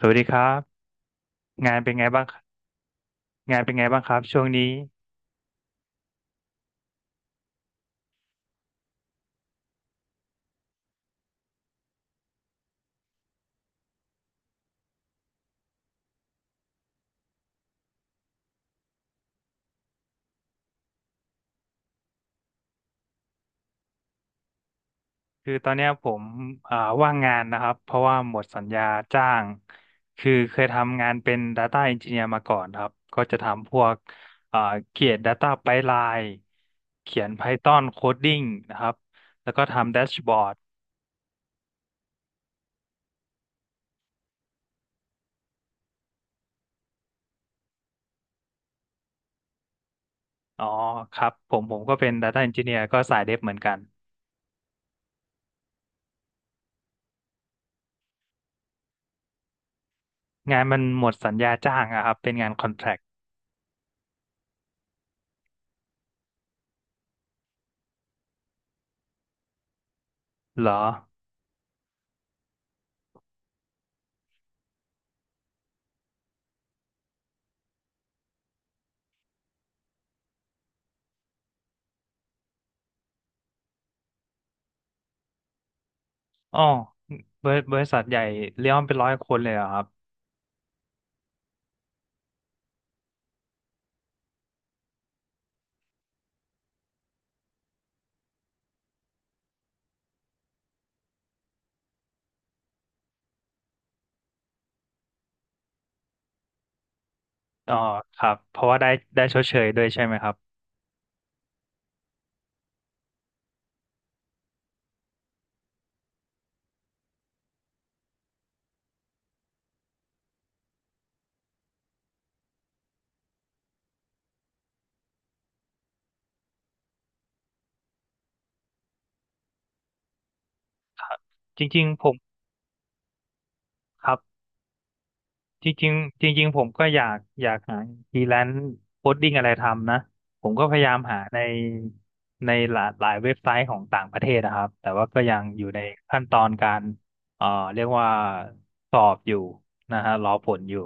สวัสดีครับงานเป็นไงบ้างงานเป็นไงบ้างครับช่วงนี้คือตอนเนี้ยผมอ่าว่างงานนะครับเพราะว่าหมดสัญญาจ้างคือเคยทำงานเป็น Data Engineer มาก่อนครับก็จะทำพวกอ่าเขียน Data Pipeline เขียน Python Coding นะครับแล้วก็ทำแดชบอร์ดอ๋อครับผมก็เป็น Data Engineer ก็สายเดฟเหมือนกันงานมันหมดสัญญาจ้างอะครับเป็นงานคอนแทรคเหรออ๋อบริษัทใหญ่เลี้ยงเป็นร้อยคนเลยเหรอครับ อ๋อครับเพราะว่าได้ชดเชยด้วยใช่ไหมครับครับจริงๆผมครับจริงๆจริงๆผมก็อยากหาฟรีแลนซ์โคดดิ้งอะไรทำนะผมก็พยายามหาในในหลายเว็บไซต์ของต่างประเทศนะครับแต่ว่าก็ยังอยู่ในขั้นตอนการเอ่อเรียกว่าสอบอยู่นะฮะรอผลอยู่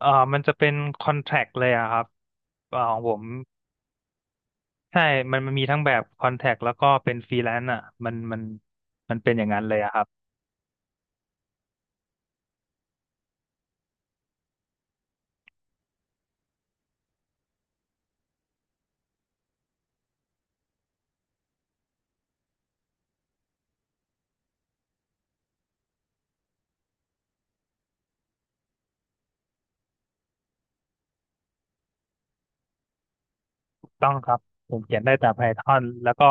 เอ่อมันจะเป็นคอนแท c t เลยอะครับของผมใช่มันมีทั้งแบบคอนแท c t แล้วก็เป็นฟรีแลนซ์อ่ะมันมันเป็นอย่างนั้นเลยอะครับ ต้องครับผมเขียนได้แต่ Python แล้วก็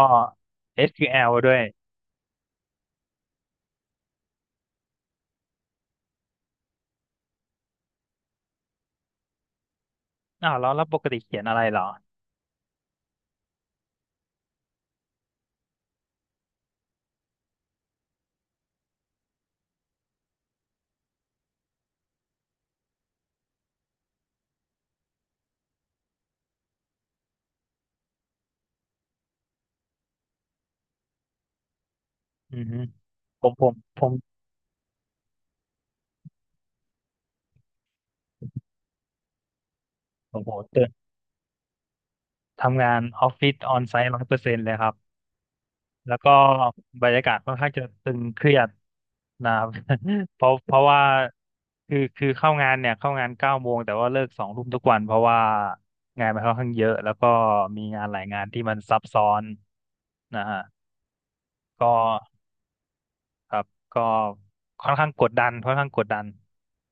SQL ด้วยอ้าวแล้วแล้วปกติเขียนอะไรเหรออือฮึผมผมผมโอ้โหเจอทำงานออฟฟิศออนไซต์ร้อยเปอร์เซ็นต์เลยครับแล้วก็บรรยากาศค่อนข้างจะตึงเครียดนะครับ เพราะว่าคือเข้างานเนี่ยเข้างานเก้าโมงแต่ว่าเลิกสองทุ่มทุกวันเพราะว่างานมันค่อนข้างเยอะแล้วก็มีงานหลายงานที่มันซับซ้อนนะฮะก็ ครับก็ค่อนข้างกดดันค่อนข้างกดดัน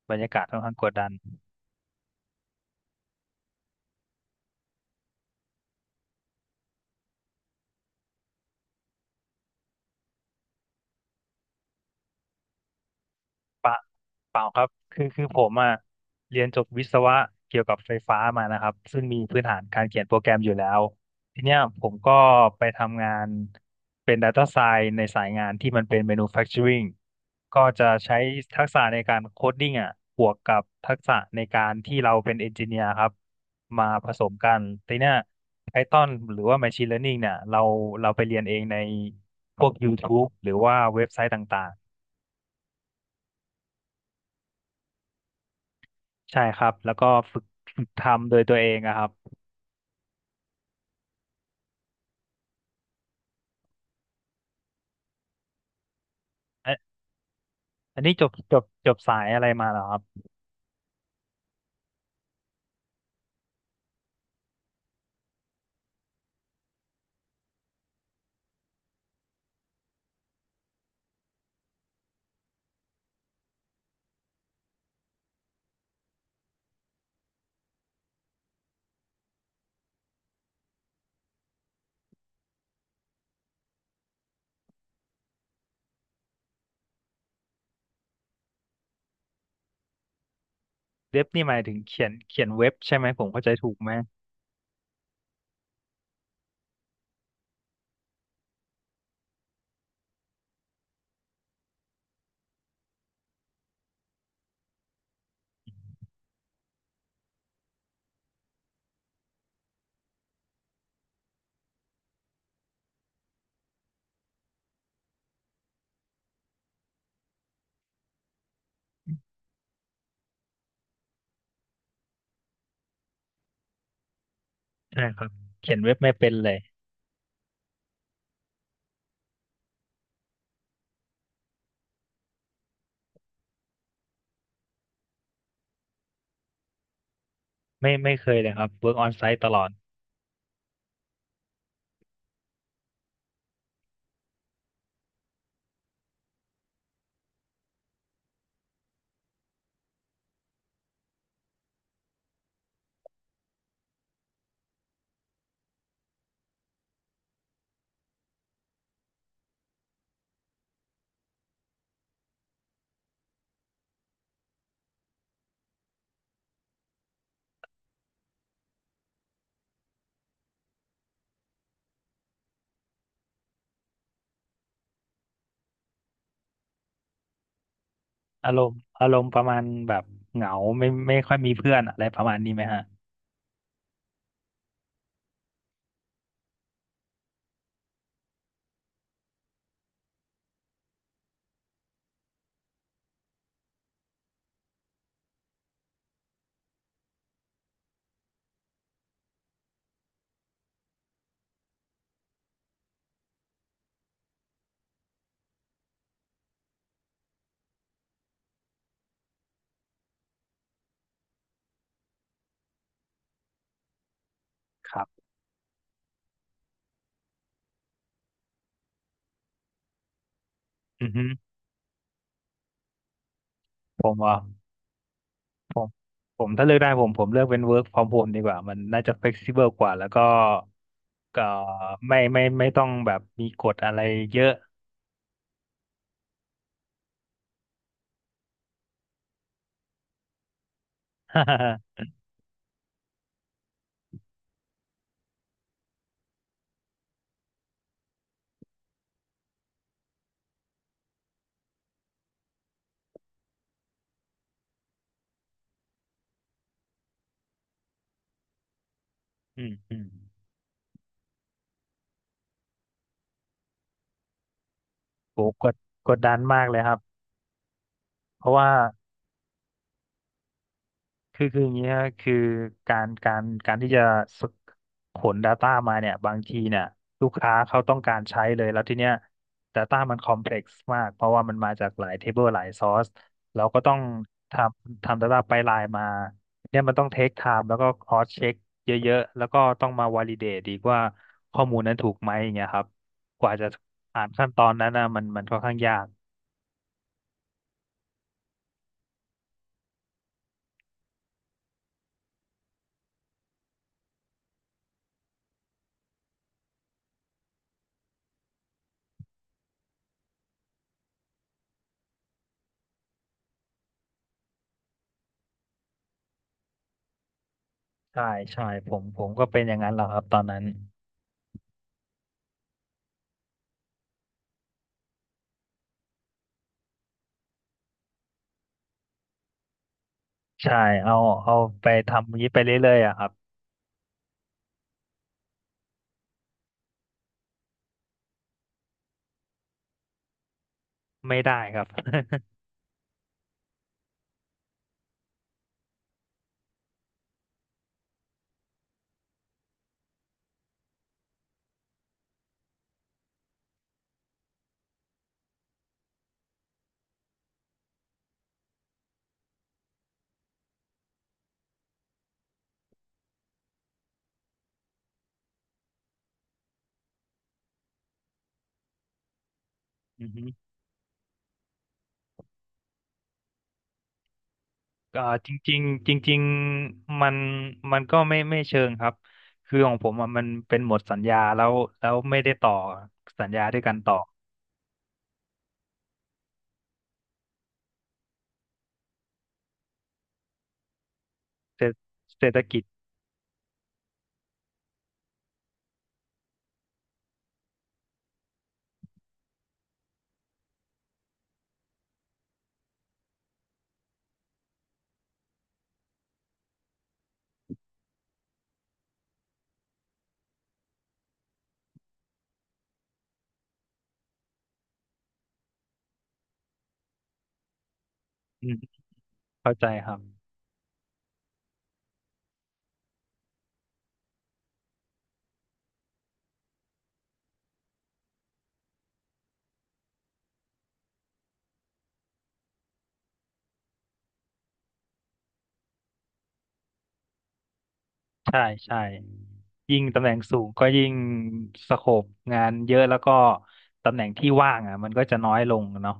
บรรยากาศค่อนข้างกดดัน ปะเปล่าครับ คือผมอ่ะเรียนจบวิศวะเกี่ยวกับไฟฟ้ามานะครับ ซึ่งมีพื้นฐานการเขียนโปรแกรมอยู่แล้ว ทีเนี้ยผมก็ไปทำงานเป็น Data Science ในสายงานที่มันเป็น Manufacturing ก็จะใช้ทักษะในการโคดดิ้งอ่ะบวกกับทักษะในการที่เราเป็นเอนจิเนียร์ครับ มาผสมกันทีเนี้ย Python หรือว่า Machine Learning เนี่ยเราไปเรียนเองในพวก YouTube หรือว่าเว็บไซต์ต่าง ใช่ครับแล้วก็ฝึกฝึกทำโดยตัวเองอะครับอันอันนี้จบสายอะไรมาเหรอครับเว็บนี่หมายถึงเขียนเว็บใช่ไหมผมเข้าใจถูกไหมใช่ครับเขียนเว็บไม่เป็นเลยไม่เคยเลยครับ work on site ตลอดอารมณ์ประมาณแบบเหงาไม่ค่อยมีเพื่อนอะไรประมาณนี้ไหมฮะครับอือฮึผมว่าผมผมถ้าเลือกได้ผมเลือกเป็น work from home ดีกว่ามันน่าจะ flexible กว่าแล้วก็ก็ไม่ต้องแบบมีกฎอะไรเยอะ อืมโหกดดันมากเลยครับเพราะว่าคืออย่างเงี้ยคือการที่จะสกขน Data มาเนี่ยบางทีเนี่ยลูกค้าเขาต้องการใช้เลยแล้วทีเนี้ย Data มันคอมเพล็กซ์มากเพราะว่ามันมาจากหลายเทเบิลหลายซอสเราก็ต้องททำ Data ไปไลน์มาเนี่ยมันต้องเทคไทม์แล้วก็คอสเช็คเยอะๆแล้วก็ต้องมาวอลิเดตอีกว่าข้อมูลนั้นถูกไหมอย่างเงี้ยครับกว่าจะผ่านขั้นตอนนั้นนะมันค่อนข้างยาก ใช่ใช่ผมก็เป็นอย่างนั้นแหละครับตอนนั้นใช่เอาเอาไปทำอย่างนี้ไปเรื่อยๆอะครับไม่ได้ครับ อือฮึก็จริงๆจริงๆมันมันก็ไม่เชิงครับคือของผมอะมันเป็นหมดสัญญาแล้วแล้วไม่ได้ต่อสัญญาด้วยกันต่อเศรษเศรษฐกิจอืมเข้าใจครับใช่ใช่ยิ่งตำแหน่งสูงก็ยิ่งสโคปงานเยอะแล้วก็ตำแหน่งที่ว่างอ่ะมันก็จะน้อยลงเนาะ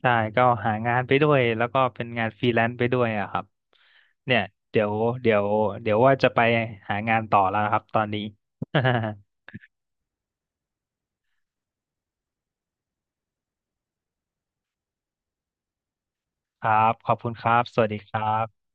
ใช่ก็หางานไปด้วยแล้วก็เป็นงานฟรีแลนซ์ไปด้วยอะครับเนี่ยเดี๋ยวเดี๋ยวเดี๋ยวว่าจะไปหางานต่อแล้วนะครับตอนนี้ ครับขอบคุณครับสวัสดีครับ